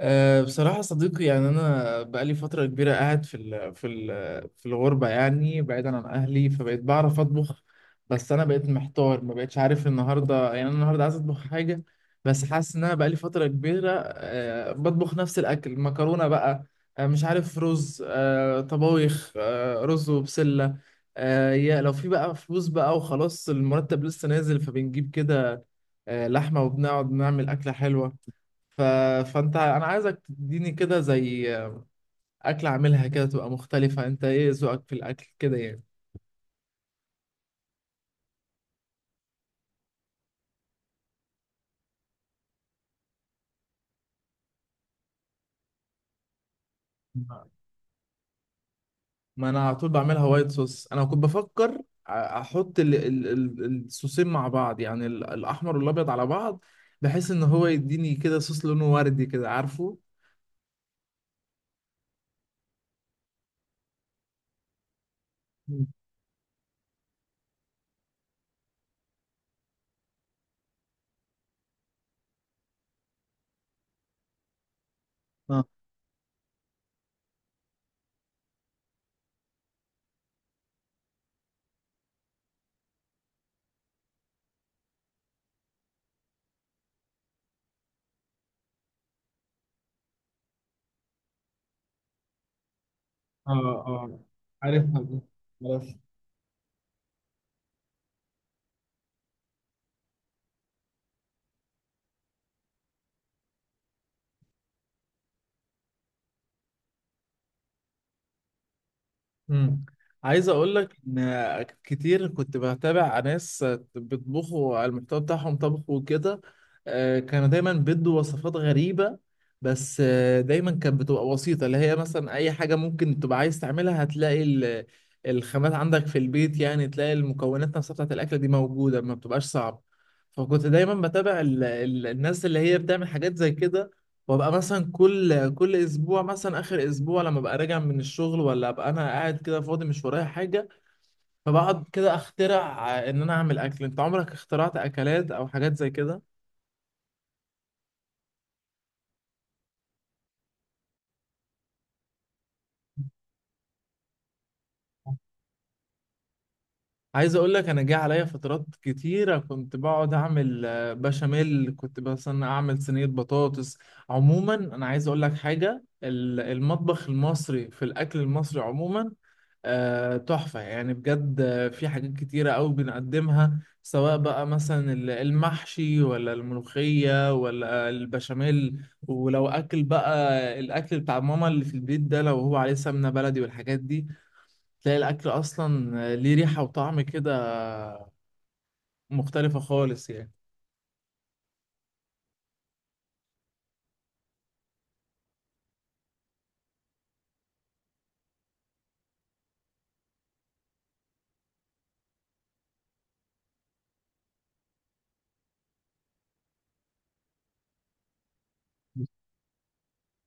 بصراحة صديقي، يعني أنا بقالي فترة كبيرة قاعد في الغربة، يعني بعيدا عن أهلي فبقيت بعرف أطبخ. بس أنا بقيت محتار، ما بقتش عارف. النهاردة يعني أنا النهاردة عايز أطبخ حاجة، بس حاسس إن أنا بقالي فترة كبيرة بطبخ نفس الأكل، مكرونة بقى، مش عارف، رز، طبايخ، رز وبسلة. يا لو في بقى فلوس بقى، وخلاص المرتب لسه نازل فبنجيب كده لحمة وبنقعد نعمل أكلة حلوة. ف... فانت انا عايزك تديني كده زي اكل، اعملها كده تبقى مختلفة. انت ايه ذوقك في الاكل كده يعني؟ ما انا على طول بعملها وايت صوص. انا كنت بفكر احط الصوصين مع بعض، يعني الاحمر والابيض على بعض، بحيث ان هو يديني كده صوص لونه وردي كده، عارفه. مم. اه، اه، اه، عارفها دي، عارفها. مم. عايز اقول لك ان كتير كنت بتابع ناس بيطبخوا على المحتوى بتاعهم، طبخ وكده. كانوا دايما بيدوا وصفات غريبة، بس دايما كانت بتبقى بسيطة، اللي هي مثلا اي حاجة ممكن تبقى عايز تعملها هتلاقي الخامات عندك في البيت، يعني تلاقي المكونات نفسها بتاعت الاكلة دي موجودة، ما بتبقاش صعبة. فكنت دايما بتابع الناس اللي هي بتعمل حاجات زي كده، وابقى مثلا كل اسبوع، مثلا اخر اسبوع، لما ابقى راجع من الشغل ولا ابقى انا قاعد كده فاضي مش ورايا حاجه، فبقعد كده اخترع ان انا اعمل اكل. انت عمرك اخترعت اكلات او حاجات زي كده؟ عايز اقول لك، انا جه عليا فترات كتيره كنت بقعد اعمل بشاميل، كنت مثلا اعمل صينيه بطاطس. عموما انا عايز اقول لك حاجه، المطبخ المصري في الاكل المصري عموما تحفة يعني بجد. في حاجات كتيرة أوي بنقدمها، سواء بقى مثلا المحشي ولا الملوخية ولا البشاميل، ولو أكل بقى الأكل بتاع ماما اللي في البيت ده، لو هو عليه سمنة بلدي والحاجات دي، تلاقي الأكل أصلا ليه ريحة وطعم كده مختلفة خالص يعني.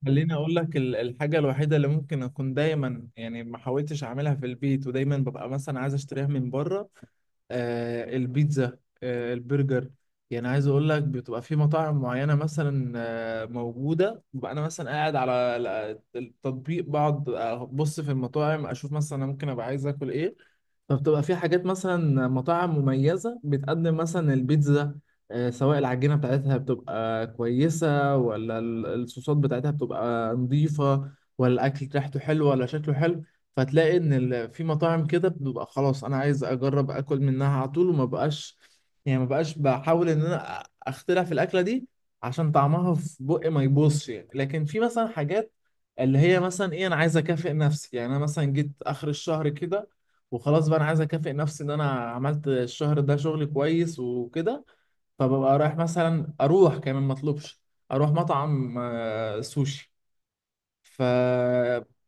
خليني اقول لك الحاجه الوحيده اللي ممكن اكون دايما يعني ما حاولتش اعملها في البيت، ودايما ببقى مثلا عايز اشتريها من بره، البيتزا، البرجر. يعني عايز اقول لك بتبقى في مطاعم معينه مثلا موجوده، ببقى انا مثلا قاعد على التطبيق، بقعد ابص في المطاعم، اشوف مثلا انا ممكن ابقى عايز اكل ايه. طب تبقى في حاجات مثلا مطاعم مميزة بتقدم مثلا البيتزا، سواء العجينة بتاعتها بتبقى كويسة ولا الصوصات بتاعتها بتبقى نظيفة ولا الأكل ريحته حلوة ولا شكله حلو. فتلاقي إن في مطاعم كده بتبقى، خلاص أنا عايز أجرب أكل منها على طول، وما بقاش يعني ما بقاش بحاول إن أنا أخترع في الأكلة دي، عشان طعمها في بقي ما يبوظش يعني. لكن في مثلا حاجات اللي هي مثلا إيه، أنا عايز أكافئ نفسي، يعني أنا مثلا جيت آخر الشهر كده وخلاص، بقى انا عايز اكافئ نفسي ان انا عملت الشهر ده شغل كويس وكده، فببقى رايح مثلا، اروح كمان ما اطلبش، اروح مطعم سوشي. ف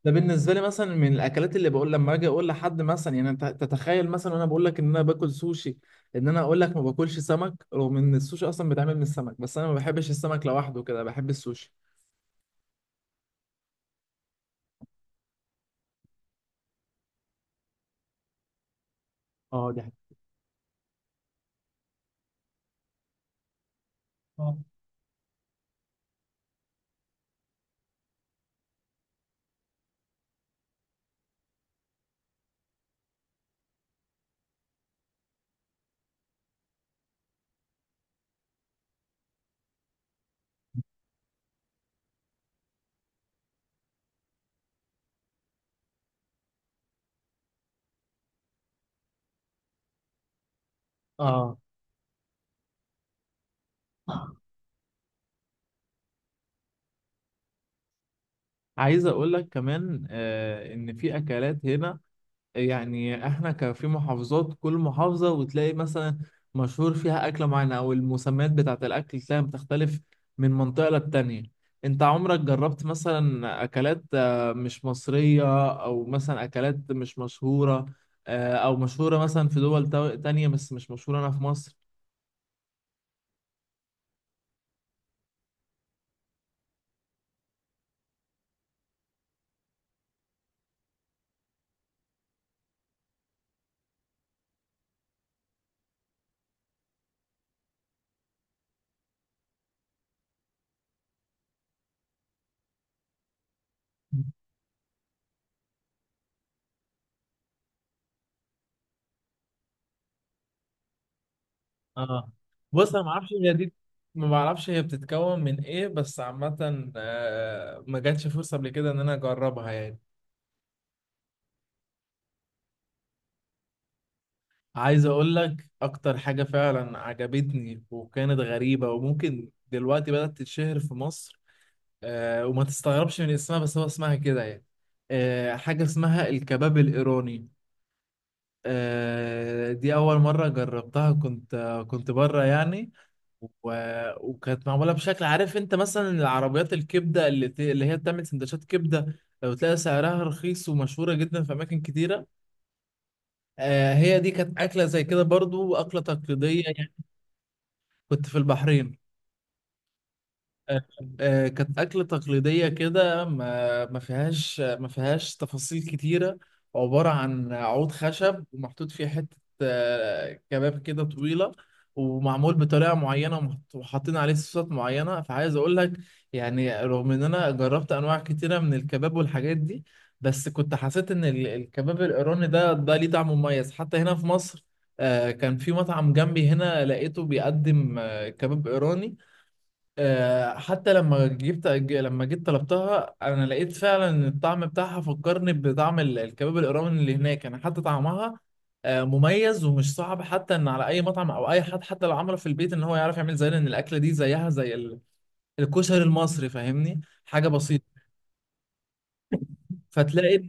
ده بالنسبه لي مثلا من الاكلات، اللي بقول لما اجي اقول لحد مثلا، يعني انت تتخيل مثلا وانا بقول لك ان انا باكل سوشي، ان انا اقول لك ما باكلش سمك، رغم ان السوشي اصلا بيتعمل من السمك، بس انا ما بحبش السمك لوحده كده، بحب السوشي. اه، دي حاجة. اه. اه. عايز اقول لك كمان ان في اكلات هنا، يعني احنا كان في محافظات، كل محافظة وتلاقي مثلا مشهور فيها أكلة معينة، أو المسميات بتاعة الأكل تلاقيها بتختلف من منطقة للتانية. أنت عمرك جربت مثلا أكلات مش مصرية، أو مثلا أكلات مش مشهورة، أو مشهورة مثلا في تانية بس مش مشهورة هنا في مصر؟ اه. بص انا ما اعرفش هي دي، ما بعرفش هي بتتكون من إيه، بس عامة ما جاتش فرصة قبل كده إن أنا أجربها يعني. عايز اقول لك اكتر حاجة فعلا عجبتني وكانت غريبة، وممكن دلوقتي بدأت تتشهر في مصر. وما تستغربش من اسمها، بس هو اسمها كده يعني، حاجة اسمها الكباب الإيراني. دي أول مرة جربتها، كنت كنت بره يعني. و... وكانت معمولة بشكل، عارف أنت مثلا العربيات الكبدة اللي هي بتعمل سندوتشات كبدة، لو تلاقي سعرها رخيص ومشهورة جدا في أماكن كتيرة؟ هي دي كانت أكلة زي كده برضو، أكلة تقليدية. كنت في البحرين. آه، كانت أكلة تقليدية كده، ما فيهاش تفاصيل كتيرة، عبارة عن عود خشب ومحطوط فيه حتة كباب كده طويلة، ومعمول بطريقة معينة، وحاطين عليه صوصات معينة. فعايز أقول لك، يعني رغم إن أنا جربت أنواع كتيرة من الكباب والحاجات دي، بس كنت حسيت إن الكباب الإيراني ده ليه طعم مميز، حتى هنا في مصر. كان في مطعم جنبي هنا لقيته بيقدم كباب إيراني. حتى لما جيت طلبتها، انا لقيت فعلا ان الطعم بتاعها فكرني بطعم الكباب الايراني اللي هناك. انا حتى طعمها مميز، ومش صعب حتى ان على اي مطعم او اي حد حتى لو عمله في البيت ان هو يعرف يعمل، زي ان الاكله دي زيها زي الكشري المصري، فاهمني، حاجه بسيطه. فتلاقي.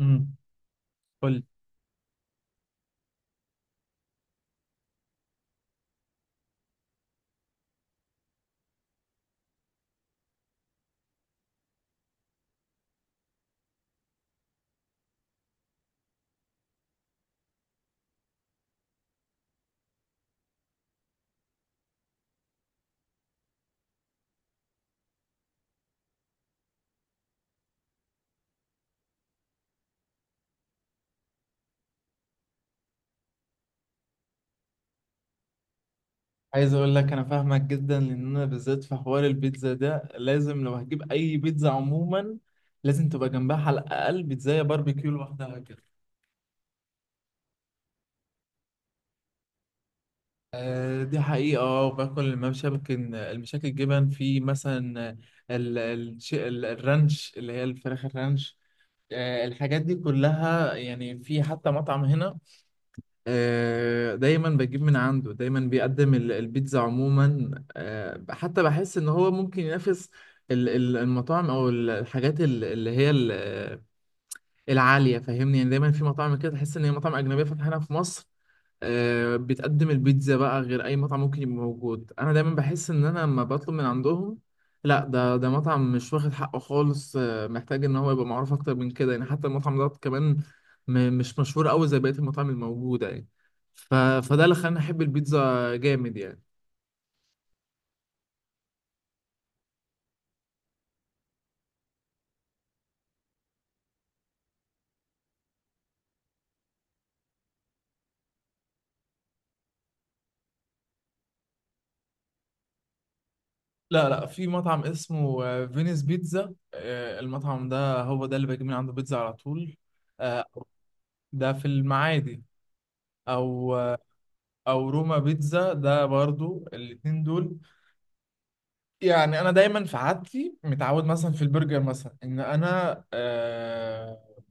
امم. قول. عايز اقول لك انا فاهمك جدا، لان انا بالذات في حوار البيتزا ده، لازم لو هجيب اي بيتزا عموما، لازم تبقى جنبها على الاقل بيتزا باربيكيو لوحدها كده. دي حقيقة. اه، باكل المشاكل الجبن، في مثلا الرانش، اللي هي الفراخ الرانش، الحاجات دي كلها. يعني في حتى مطعم هنا دايما بجيب من عنده، دايما بيقدم البيتزا عموما، حتى بحس ان هو ممكن ينافس المطاعم، او الحاجات اللي هي العالية، فاهمني يعني، دايما في مطاعم كده تحس ان هي مطاعم أجنبية فاتحة هنا في مصر، بتقدم البيتزا بقى غير اي مطعم ممكن يبقى موجود. انا دايما بحس ان انا لما بطلب من عندهم، لا، ده مطعم مش واخد حقه خالص، محتاج ان هو يبقى معروف اكتر من كده يعني. حتى المطعم ده كمان مش مشهور قوي زي بقية المطاعم الموجودة يعني، فده اللي خلاني احب البيتزا جامد يعني. لا، لا، في مطعم اسمه فينيس بيتزا. المطعم ده هو ده اللي بجيب من عنده بيتزا على طول. آه، ده في المعادي، او روما بيتزا، ده برضو الاتنين دول. يعني انا دايما في عادتي متعود مثلا في البرجر مثلا، ان انا آه،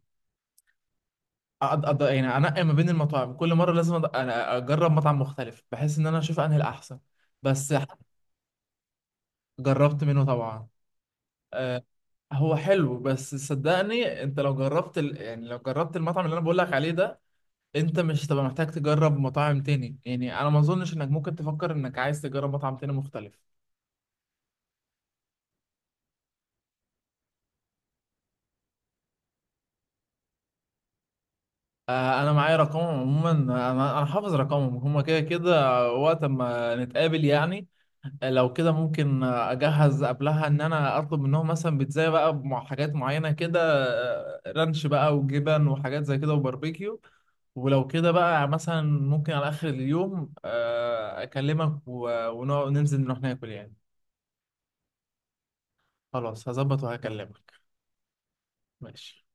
أقد... أقد... يعني انقي ما بين المطاعم، كل مره لازم أنا اجرب مطعم مختلف، بحيث ان انا اشوف انهي الاحسن. بس. جربت منه طبعا. آه، هو حلو، بس صدقني انت لو جربت يعني لو جربت المطعم اللي انا بقول لك عليه ده، انت مش هتبقى محتاج تجرب مطاعم تاني يعني. انا ما اظنش انك ممكن تفكر انك عايز تجرب مطعم تاني مختلف. انا معايا رقمهم عموما، انا حافظ رقمهم هما كده كده، وقت ما نتقابل يعني. لو كده ممكن اجهز قبلها ان انا اطلب منهم مثلا بيتزا بقى مع حاجات معينه كده، رانش بقى وجبن وحاجات زي كده وباربيكيو. ولو كده بقى مثلا، ممكن على اخر اليوم اكلمك، ونقعد ننزل نروح ناكل يعني. خلاص هظبط وهكلمك. ماشي.